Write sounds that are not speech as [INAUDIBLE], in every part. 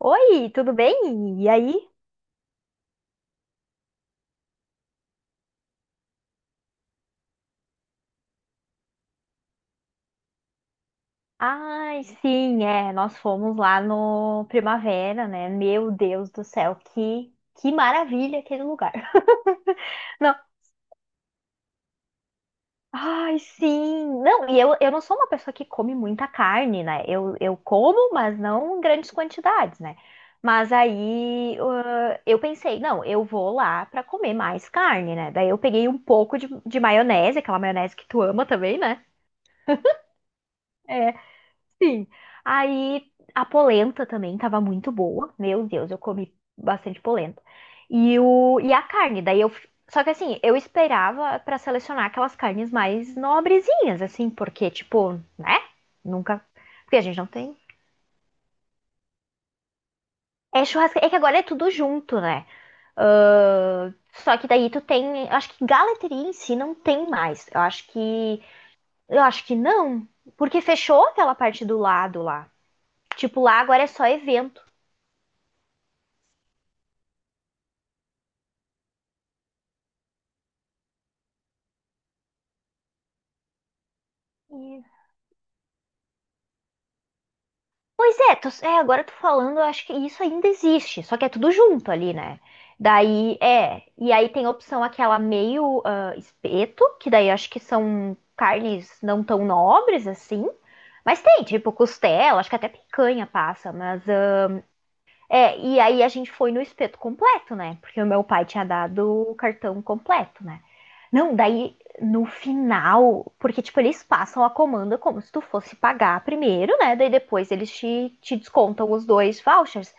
Oi, tudo bem? E aí? Ai, sim, é, nós fomos lá no Primavera, né? Meu Deus do céu, que maravilha aquele lugar. [LAUGHS] Não, ai, sim. Não, e eu não sou uma pessoa que come muita carne, né? Eu como, mas não em grandes quantidades, né? Mas aí eu pensei, não, eu vou lá pra comer mais carne, né? Daí eu peguei um pouco de maionese, aquela maionese que tu ama também, né? É. Sim. Aí a polenta também tava muito boa. Meu Deus, eu comi bastante polenta. E a carne, daí eu. Só que assim, eu esperava pra selecionar aquelas carnes mais nobrezinhas, assim, porque, tipo, né? Nunca. Porque a gente não tem. É churrasco. É que agora é tudo junto, né? Ahn, Só que daí tu tem. Acho que galeteria em si não tem mais. Eu acho que. Eu acho que não. Porque fechou aquela parte do lado lá. Tipo, lá agora é só evento. Pois é, é, agora tu falando, eu acho que isso ainda existe, só que é tudo junto ali, né? Daí, é, e aí tem a opção aquela meio espeto, que daí acho que são carnes não tão nobres assim, mas tem, tipo costela, acho que até picanha passa, mas é, e aí a gente foi no espeto completo, né? Porque o meu pai tinha dado o cartão completo, né? Não, daí no final, porque tipo, eles passam a comanda como se tu fosse pagar primeiro, né? Daí depois eles te descontam os dois vouchers.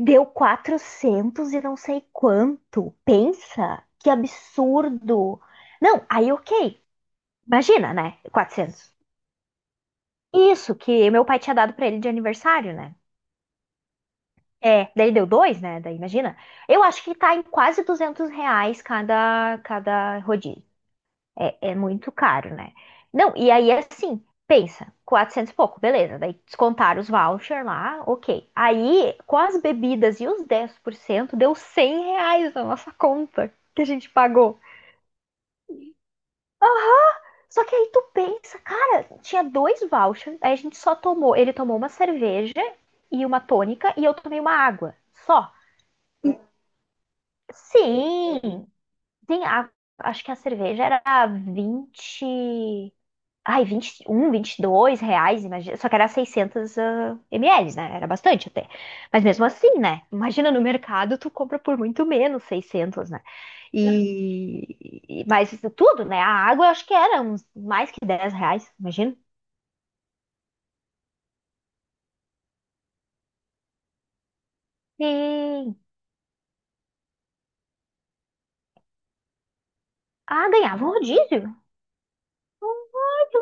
Deu 400 e não sei quanto. Pensa, que absurdo. Não, aí ok. Imagina, né? 400. Isso que meu pai tinha dado pra ele de aniversário, né? É, daí deu dois, né? Daí imagina. Eu acho que tá em quase R$ 200 cada rodízio. É muito caro, né? Não, e aí assim, pensa, 400 e pouco, beleza. Daí descontaram os vouchers lá, ok. Aí, com as bebidas e os 10% deu R$ 100 na nossa conta que a gente pagou. Só que aí tu pensa, cara, tinha dois vouchers, aí a gente só tomou, ele tomou uma cerveja e uma tônica e eu tomei uma água. Só. Sim, Tem a, acho que a cerveja era 20 ai, um 21, R$ 2, imagina, só que era 600 ml, né? Era bastante até. Mas mesmo assim, né? Imagina no mercado tu compra por muito menos 600, né? E mas isso tudo, né? A água eu acho que era uns mais que R$ 10, imagina. E ganhava um rodízio. Ai, que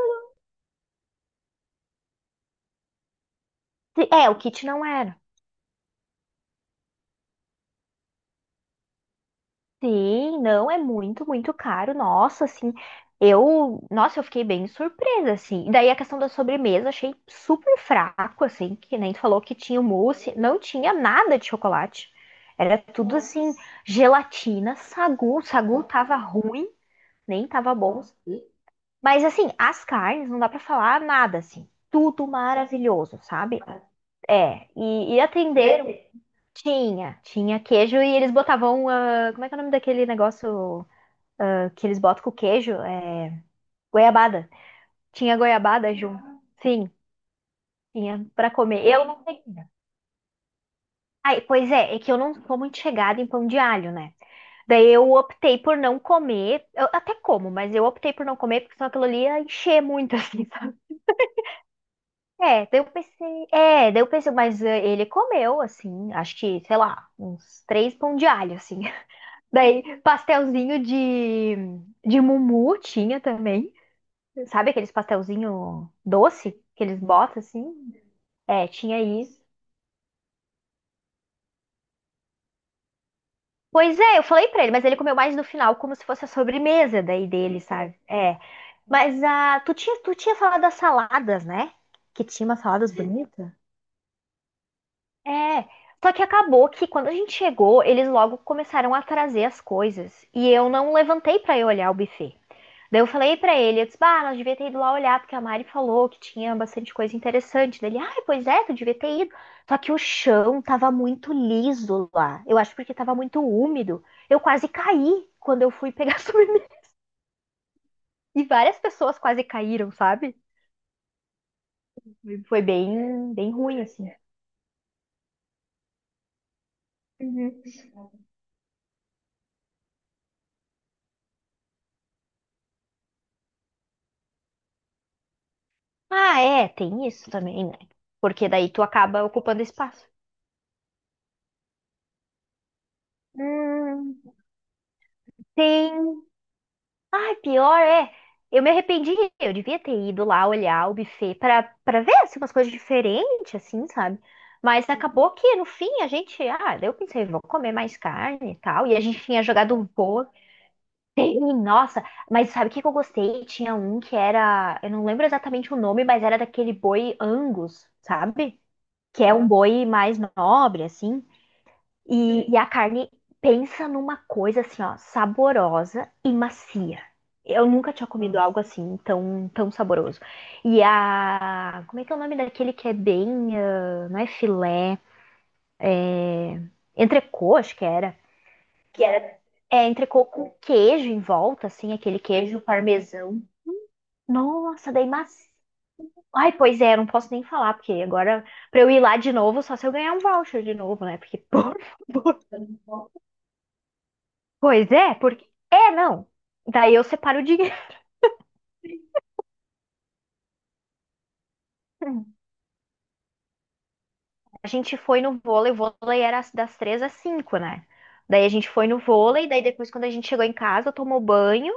legal. É, o kit não era. Sim, não é muito, muito caro. Nossa, assim, eu, nossa, eu fiquei bem surpresa, assim. E daí a questão da sobremesa, achei super fraco, assim, que nem tu falou que tinha o mousse, não tinha nada de chocolate. Era tudo assim, gelatina, sagu, sagu tava ruim, nem tava bom. Mas assim, as carnes não dá pra falar nada assim. Tudo maravilhoso, sabe? É, e atenderam. Tinha queijo e eles botavam, ah, como é que é o nome daquele negócio? Ah, que eles botam com queijo, é goiabada. Tinha goiabada, Ju? Sim, tinha pra comer. Eu não sei. Ai, pois é, é que eu não sou muito chegada em pão de alho, né? Daí eu optei por não comer. Eu até como, mas eu optei por não comer, porque senão aquilo ali ia encher muito, [LAUGHS] assim, sabe? É, daí eu pensei. É, daí eu pensei, mas ele comeu, assim, acho que, sei lá, uns três pão de alho, assim. [LAUGHS] Daí pastelzinho de mumu tinha também. Sabe aqueles pastelzinho doce que eles botam assim? É, tinha isso. Pois é, eu falei pra ele, mas ele comeu mais no final, como se fosse a sobremesa daí dele, sabe? É. Mas tu tinha falado das saladas, né? Que tinha umas saladas bonitas. É, só que acabou que quando a gente chegou, eles logo começaram a trazer as coisas e eu não levantei pra ir olhar o buffet. Daí eu falei pra ele, eu disse, bah, nós devia ter ido lá olhar, porque a Mari falou que tinha bastante coisa interessante. Daí ele, ai, pois é, tu devia ter ido. Só que o chão tava muito liso lá. Eu acho porque tava muito úmido. Eu quase caí quando eu fui pegar [LAUGHS] sobremesa. E várias pessoas quase caíram, sabe? Foi bem, bem ruim, assim. Ah, é, tem isso também, né? Porque daí tu acaba ocupando espaço. Hum, tem. Ai, pior é. Eu me arrependi. Eu devia ter ido lá olhar o buffet pra ver assim, umas coisas diferentes, assim, sabe? Mas acabou que no fim a gente. Ah, daí eu pensei, vou comer mais carne e tal. E a gente tinha jogado um pouco. [LAUGHS] Nossa, mas sabe o que que eu gostei? Tinha um que era. Eu não lembro exatamente o nome, mas era daquele boi Angus, sabe? Que é um boi mais nobre, assim. E a carne, pensa numa coisa assim, ó, saborosa e macia. Eu nunca tinha comido algo assim, tão, tão saboroso. E a. Como é que é o nome daquele que é bem. Ah, não é filé? Entrecô, acho que era. Que era. É, entrecô com queijo em volta, assim, aquele queijo parmesão. Nossa, daí macia. Ai, pois é, não posso nem falar, porque agora, pra eu ir lá de novo, só se eu ganhar um voucher de novo, né? Porque, [LAUGHS] por favor. Pois é, porque. É, não. Daí eu separo o dinheiro. [LAUGHS] A gente foi no vôlei, o vôlei era das 3 às 5, né? Daí a gente foi no vôlei, daí depois quando a gente chegou em casa, tomou banho,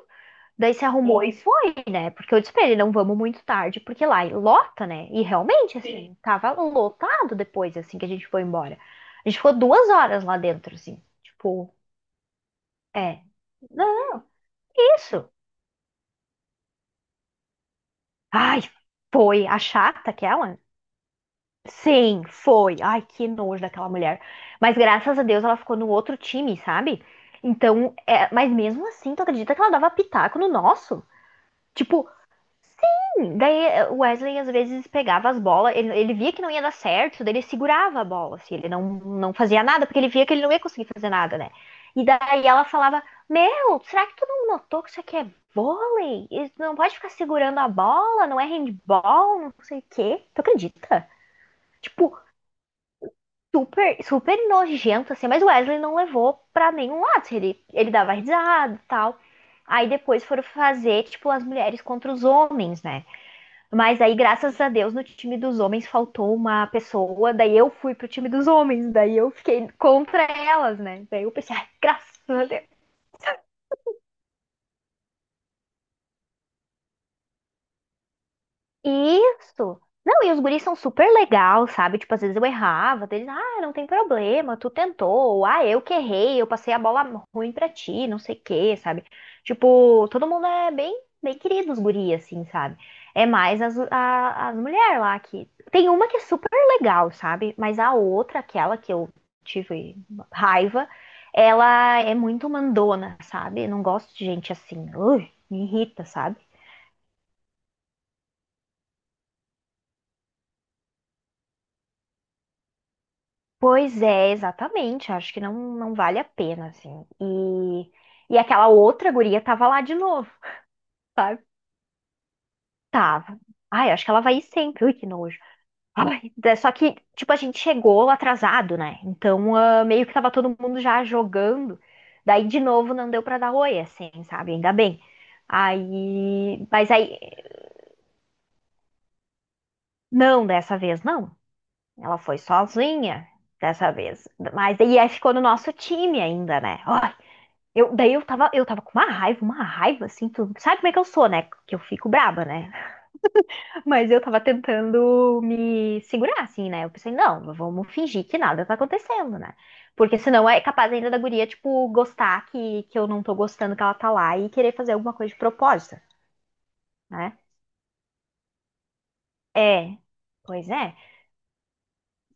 daí se arrumou, sim, e foi, né? Porque eu disse pra ele, não vamos muito tarde, porque lá lota, né? E realmente, sim, assim, sim, tava lotado depois, assim, que a gente foi embora. A gente ficou 2 horas lá dentro, assim. Tipo, é. Não, é isso. Ai, foi a chata aquela. Sim, foi. Ai, que nojo daquela mulher. Mas graças a Deus ela ficou no outro time, sabe? Então, é... mas mesmo assim, tu acredita que ela dava pitaco no nosso? Tipo, sim! Daí o Wesley às vezes pegava as bolas, ele via que não ia dar certo, daí ele segurava a bola, assim, ele não fazia nada, porque ele via que ele não ia conseguir fazer nada, né? E daí ela falava: Meu, será que tu não notou que isso aqui é vôlei? Isso não pode ficar segurando a bola, não é handball, não sei o quê. Tu acredita? Tipo, super, super nojento, assim, mas o Wesley não levou pra nenhum lado, assim. Ele dava risada e tal. Aí depois foram fazer, tipo, as mulheres contra os homens, né? Mas aí, graças a Deus, no time dos homens faltou uma pessoa, daí eu fui pro time dos homens, daí eu fiquei contra elas, né? Daí eu pensei, ai, graças a Deus. Isso. Não, e os guris são super legal, sabe? Tipo, às vezes eu errava, deles, ah, não tem problema, tu tentou, ou, ah, eu que errei, eu passei a bola ruim pra ti, não sei o quê, sabe? Tipo, todo mundo é bem, bem querido, os guris, assim, sabe? É mais as mulheres lá que. Tem uma que é super legal, sabe? Mas a outra, aquela que eu tive raiva, ela é muito mandona, sabe? Eu não gosto de gente assim. Ui, me irrita, sabe? Pois é, exatamente. Acho que não vale a pena, assim. E aquela outra guria tava lá de novo, [LAUGHS] sabe? Tava. Ai, acho que ela vai ir sempre. Ui, que nojo. Ai, só que, tipo, a gente chegou atrasado, né? Então, ah, meio que tava todo mundo já jogando. Daí, de novo, não deu pra dar oi, assim, sabe? Ainda bem. Aí, mas aí, não, dessa vez não. Ela foi sozinha dessa vez. Mas, e aí ficou no nosso time ainda, né? Eu, daí eu tava com uma raiva, assim, tu sabe como é que eu sou, né? Que eu fico braba, né? [LAUGHS] Mas eu tava tentando me segurar, assim, né? Eu pensei, não, vamos fingir que nada tá acontecendo, né? Porque senão é capaz ainda da guria, tipo, gostar que, eu não tô gostando que ela tá lá e querer fazer alguma coisa de propósito, né? É, pois é.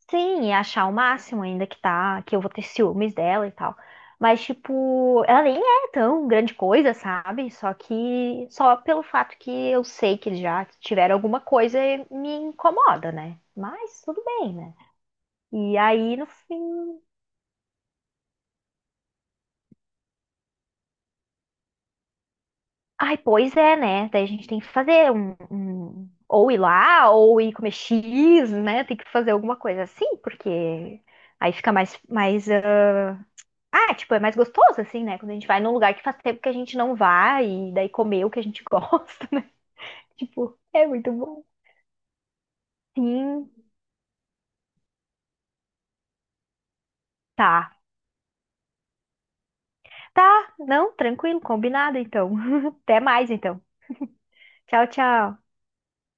Sim, e achar o máximo ainda que tá, que eu vou ter ciúmes dela e tal. Mas, tipo, ela nem é tão grande coisa, sabe? Só que, só pelo fato que eu sei que eles já tiveram alguma coisa, me incomoda, né? Mas tudo bem, né? E aí, no fim. Ai, pois é, né? Daí a gente tem que fazer ou ir lá, ou ir comer X, né? Tem que fazer alguma coisa assim, porque aí fica mais, mais, ah, tipo, é mais gostoso, assim, né? Quando a gente vai num lugar que faz tempo que a gente não vai e daí comer o que a gente [LAUGHS] gosta, né? Tipo, é muito bom. Sim, tá. Tá, não, tranquilo, combinado então. [LAUGHS] Até mais então. Tchau, tchau.